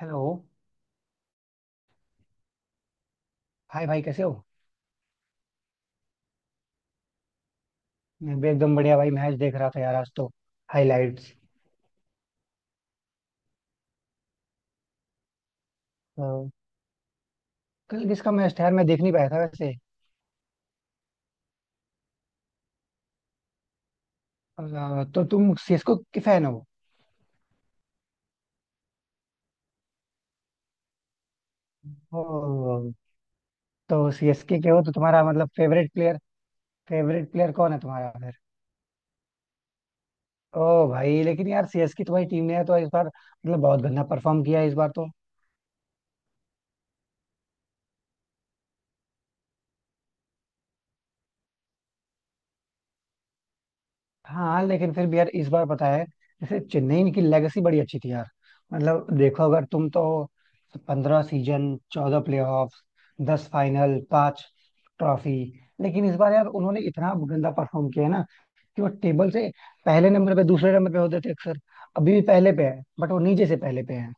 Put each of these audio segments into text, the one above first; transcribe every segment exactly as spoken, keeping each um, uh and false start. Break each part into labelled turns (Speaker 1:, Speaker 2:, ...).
Speaker 1: Hello. Hi भाई, कैसे हो? मैं भी एकदम बढ़िया भाई. मैच देख रहा था यार, आज तो हाइलाइट्स. कल किसका मैच था यार, मैं देख नहीं पाया था वैसे. अ, तो तुम सीएसके के फैन हो? ओ, तो सीएसके के हो? तो तुम्हारा मतलब फेवरेट प्लेयर फेवरेट प्लेयर कौन है तुम्हारा फिर? ओ भाई, लेकिन यार सी एस के तुम्हारी टीम ने यार तो इस बार मतलब बहुत गंदा परफॉर्म किया है इस बार तो. हाँ, लेकिन फिर भी यार इस बार पता है, जैसे चेन्नई की लेगेसी बड़ी अच्छी थी यार. मतलब देखो, अगर तुम तो पंद्रह सीजन, चौदह प्लेऑफ्स, दस फाइनल, पांच ट्रॉफी. लेकिन इस बार यार उन्होंने इतना गंदा परफॉर्म किया है ना, कि वो टेबल से पहले नंबर पे दूसरे नंबर पे होते थे अक्सर. अभी भी पहले पे है बट वो नीचे से पहले पे है.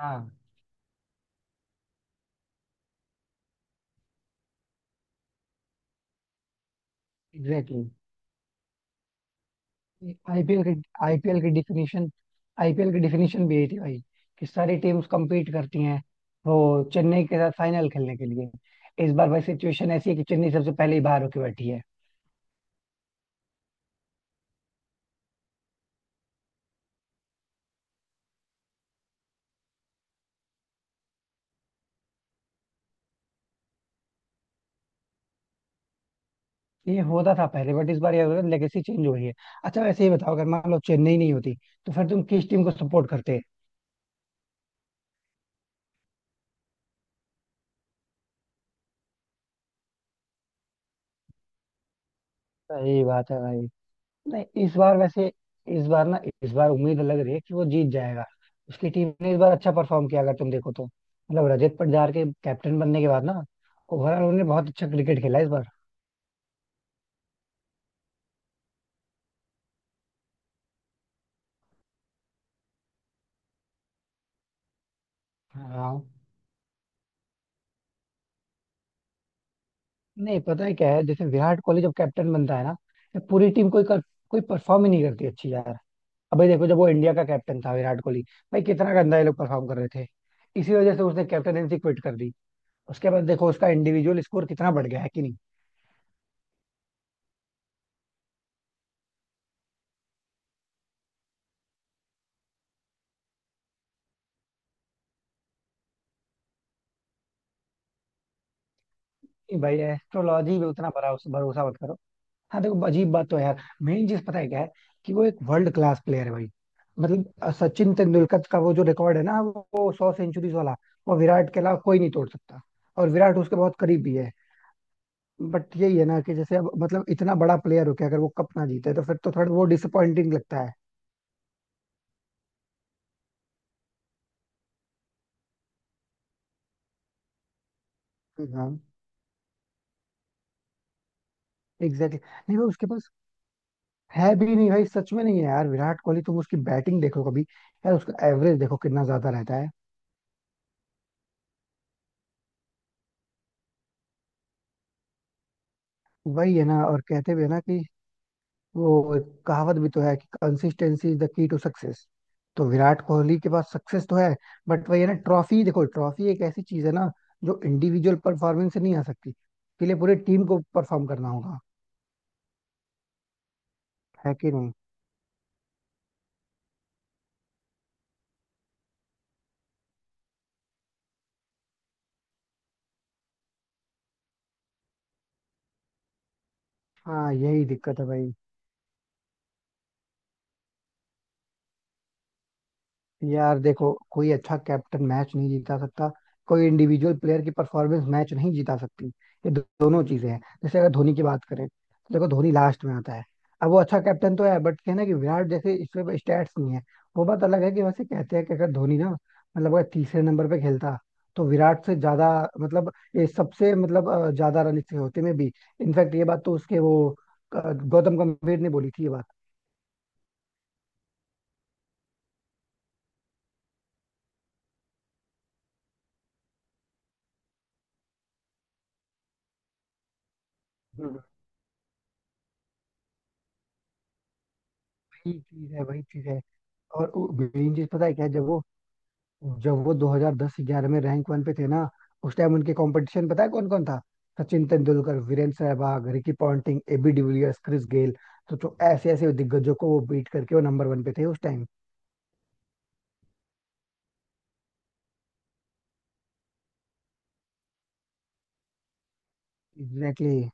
Speaker 1: हाँ, एग्जैक्टली. आईपीएल की आईपीएल की डिफिनीशन आईपीएल की डिफिनीशन भी यही थी भाई, कि सारी टीम्स compete करती हैं वो चेन्नई के साथ फाइनल खेलने के लिए. इस बार भाई सिचुएशन ऐसी है कि चेन्नई सबसे पहले ही बाहर होके बैठी है. ये होता था पहले बट इस बार ये हो रहा है, लेगेसी चेंज हो रही है. अच्छा, वैसे ही बताओ, अगर मान लो चेन्नई नहीं होती तो फिर तुम किस टीम को सपोर्ट करते? सही बात है भाई. नहीं, इस बार वैसे, इस बार ना, इस बार उम्मीद लग रही है कि वो जीत जाएगा. उसकी टीम ने इस बार अच्छा परफॉर्म किया, अगर तुम देखो तो मतलब रजत पाटीदार के कैप्टन बनने के बाद ना, ओवरऑल उन्होंने बहुत अच्छा क्रिकेट खेला इस बार. हाँ. नहीं, पता है क्या है, जैसे विराट कोहली जब कैप्टन बनता है ना, तो पूरी टीम कोई कर, कोई परफॉर्म ही नहीं करती अच्छी यार. अबे देखो, जब वो इंडिया का कैप्टन था विराट कोहली, भाई कितना गंदा ये लोग परफॉर्म कर रहे थे. इसी वजह से उसने कैप्टनसी क्विट कर दी. उसके बाद देखो, उसका इंडिविजुअल स्कोर कितना बढ़ गया है कि नहीं. नहीं भाई, एस्ट्रोलॉजी में उतना भरा भरोसा मत करो. हाँ, देखो अजीब बात तो है यार. मेन चीज पता है क्या है, कि वो एक वर्ल्ड क्लास प्लेयर है भाई. मतलब अ, सचिन तेंदुलकर का वो जो रिकॉर्ड है ना, वो सौ सेंचुरीज वाला, वो विराट के अलावा कोई नहीं तोड़ सकता. और विराट उसके बहुत करीब भी है. बट यही है ना, कि जैसे अब मतलब इतना बड़ा प्लेयर हो के अगर वो कप ना जीते तो फिर तो थोड़ा वो डिसअपॉइंटिंग लगता है. हाँ, एग्जैक्टली exactly. नहीं भाई, उसके पास है भी नहीं भाई, सच में नहीं है यार. विराट कोहली, तुम उसकी बैटिंग देखो कभी यार, उसका एवरेज देखो कितना ज्यादा रहता है. वही है ना. और कहते भी है ना कि वो एक कहावत भी तो है कि consistency is the key to success. तो विराट कोहली के पास सक्सेस तो है. बट वही है ना, ट्रॉफी देखो, ट्रॉफी एक ऐसी चीज है ना जो इंडिविजुअल परफॉर्मेंस से नहीं आ सकती. इसके लिए पूरे टीम को परफॉर्म करना होगा, है कि नहीं? हाँ, यही दिक्कत है भाई. यार देखो, कोई अच्छा कैप्टन मैच नहीं जीता सकता, कोई इंडिविजुअल प्लेयर की परफॉर्मेंस मैच नहीं जीता सकती, ये दो, दोनों चीजें हैं. जैसे अगर धोनी की बात करें तो देखो धोनी लास्ट में आता है. अब वो अच्छा कैप्टन तो है बट कहना कि विराट जैसे इसमें स्टैट्स नहीं है, वो बात अलग है. कि वैसे कहते हैं कि अगर धोनी ना, मतलब अगर तीसरे नंबर पे खेलता, तो विराट से ज्यादा, मतलब ये सबसे मतलब अ, ज्यादा रन इसके होते में भी. इनफैक्ट ये बात तो उसके वो, अ, गौतम गंभीर ने बोली थी ये बात. हम्म, वही चीज है वही चीज है. और मेन चीज पता है क्या है? जब वो जब वो दो हज़ार दस-ग्यारह में रैंक वन पे थे ना, उस टाइम उनके कंपटीशन पता है कौन कौन था? Sachin Tendulkar, Virender Sehwag, Ricky Ponting, A B de Villiers, Chris Gayle. तो जो ऐसे ऐसे दिग्गजों को वो बीट करके वो नंबर वन पे थे उस टाइम. Exactly exactly.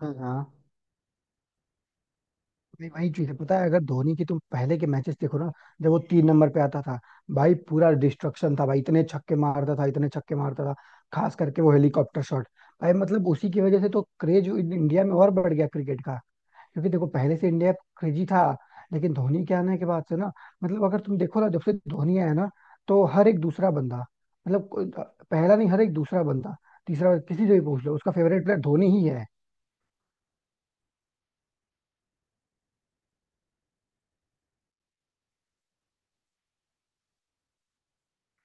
Speaker 1: हाँ, हाँ. नहीं, वही चीज है, पता है, अगर धोनी की तुम पहले के मैचेस देखो ना, जब वो तीन नंबर पे आता था, भाई पूरा डिस्ट्रक्शन था भाई, इतने छक्के मारता था इतने छक्के मारता था, खास करके वो हेलीकॉप्टर शॉट. भाई मतलब उसी की वजह से तो क्रेज इंडिया में और बढ़ गया क्रिकेट का. क्योंकि देखो पहले से इंडिया क्रेजी था, लेकिन धोनी के आने के बाद से ना, मतलब अगर तुम देखो ना, जब से धोनी आया ना, तो हर एक दूसरा बंदा, मतलब कोई- पहला नहीं, हर एक दूसरा बंदा, तीसरा, किसी से भी पूछ लो, उसका फेवरेट प्लेयर धोनी ही है.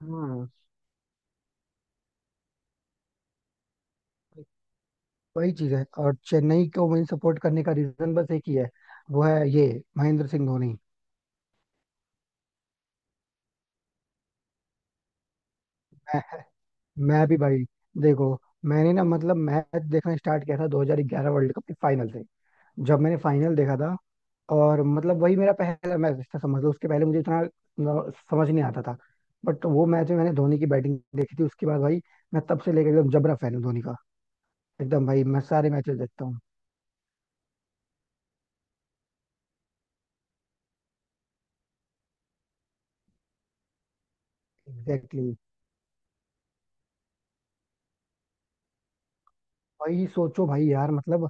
Speaker 1: हाँ. वही चीज है, और चेन्नई को मैं सपोर्ट करने का रीजन बस एक ही है. वो है ये, महेंद्र सिंह धोनी. मैं, मैं भी भाई. देखो, मैंने ना मतलब मैच देखना स्टार्ट किया था दो हज़ार ग्यारह वर्ल्ड कप के फाइनल से. जब मैंने फाइनल देखा था, और मतलब वही मेरा पहला मैच था समझ लो. उसके पहले मुझे इतना न- समझ नहीं आता था. बट वो मैच में मैंने धोनी की बैटिंग देखी थी, उसके बाद भाई मैं तब से लेकर एकदम जबरा फैन हूँ धोनी का. एकदम भाई मैं सारे मैचेस देखता हूँ. Exactly exactly. भाई सोचो भाई यार, मतलब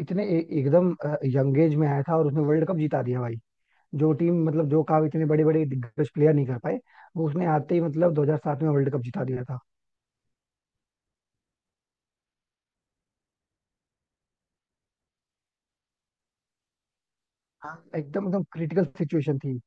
Speaker 1: इतने ए, एकदम यंग एज में आया था और उसने वर्ल्ड कप जिता दिया भाई. जो टीम मतलब जो काम इतने बड़े बड़े दिग्गज प्लेयर नहीं कर पाए, वो उसने आते ही मतलब दो हज़ार सात में वर्ल्ड कप जिता दिया था. हाँ एकदम एकदम क्रिटिकल सिचुएशन थी.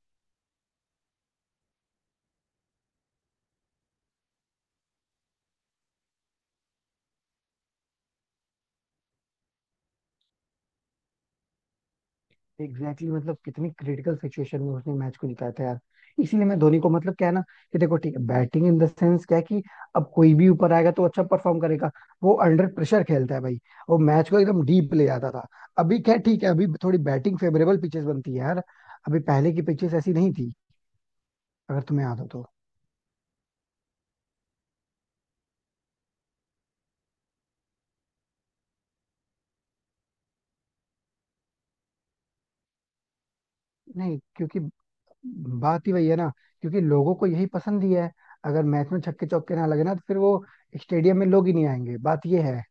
Speaker 1: एग्जैक्टली exactly, मतलब कितनी क्रिटिकल सिचुएशन में उसने मैच को निकाला था यार. इसीलिए मैं धोनी को मतलब क्या है ना, कि देखो ठीक है, बैटिंग इन द सेंस क्या है कि अब कोई भी ऊपर आएगा तो अच्छा परफॉर्म करेगा. वो अंडर प्रेशर खेलता है भाई. वो मैच को एकदम डीप ले जाता था. अभी क्या है, ठीक है अभी थोड़ी बैटिंग फेवरेबल पिचेस बनती है यार. अभी पहले की पिचेस ऐसी नहीं थी अगर तुम्हें याद हो तो. नहीं क्योंकि बात ही वही है ना, क्योंकि लोगों को यही पसंद ही है. अगर मैच में छक्के चौके ना लगे ना, तो फिर वो स्टेडियम में लोग ही नहीं आएंगे, बात ये है.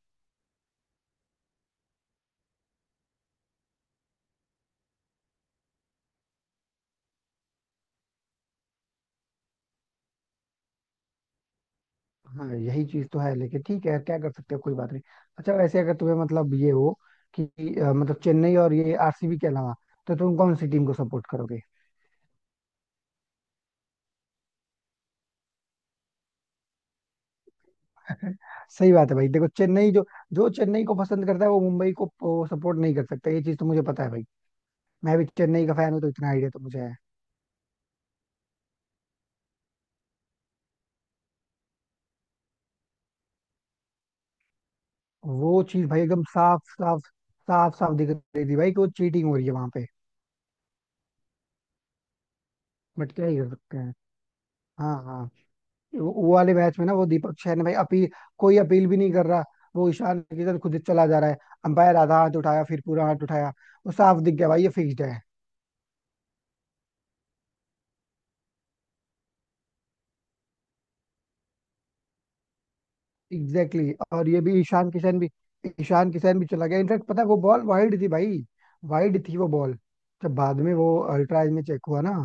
Speaker 1: हाँ, यही चीज तो है लेकिन ठीक है, क्या कर सकते हो, कोई बात नहीं. अच्छा, वैसे अगर तुम्हें मतलब ये हो कि अ, मतलब चेन्नई और ये आर सी बी के अलावा, तो तुम कौन सी टीम को सपोर्ट करोगे? सही बात है भाई. देखो चेन्नई जो, जो चेन्नई को पसंद करता है वो मुंबई को सपोर्ट नहीं कर सकता, ये चीज तो मुझे पता है भाई. मैं भी चेन्नई का फैन हूँ तो इतना आइडिया तो मुझे है. वो चीज भाई एकदम साफ साफ साफ साफ दिख रही थी भाई, कि वो चीटिंग हो रही है वहां पे. बट क्या ही कर सकते हैं. हाँ, हाँ. वो वो वाले मैच में ना, वो दीपक शहर भाई अपील, कोई अपील भी नहीं कर रहा. वो ईशान किशन खुद ही चला जा रहा है. अंपायर आधा हाथ उठाया फिर पूरा हाथ उठाया. वो साफ दिख गया भाई, ये फिक्स्ड है. Exactly exactly. और ये भी ईशान किशन भी, ईशान किशन भी चला गया. इनफैक्ट पता है वो बॉल वाइड थी भाई, वाइड थी वो बॉल. जब बाद में वो अल्ट्राज में चेक हुआ ना,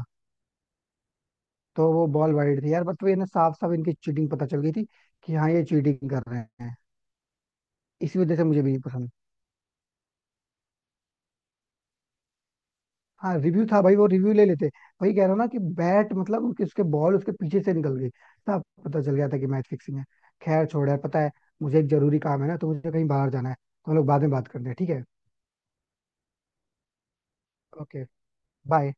Speaker 1: तो वो बॉल वाइड थी यार. बट वो ये ना, साफ साफ इनकी चीटिंग पता चल गई थी कि हाँ ये चीटिंग कर रहे हैं. इसी वजह से मुझे भी नहीं पसंद. हाँ रिव्यू था भाई, वो रिव्यू ले लेते. वही कह रहा हूँ ना, कि बैट मतलब उसके उसके बॉल उसके पीछे से निकल गई. तब पता चल गया था कि मैच फिक्सिंग है. खैर छोड़ यार. पता है, मुझे एक जरूरी काम है ना, तो मुझे कहीं बाहर जाना है, तो हम लोग बाद में बात करते हैं, ठीक है? Okay, bye.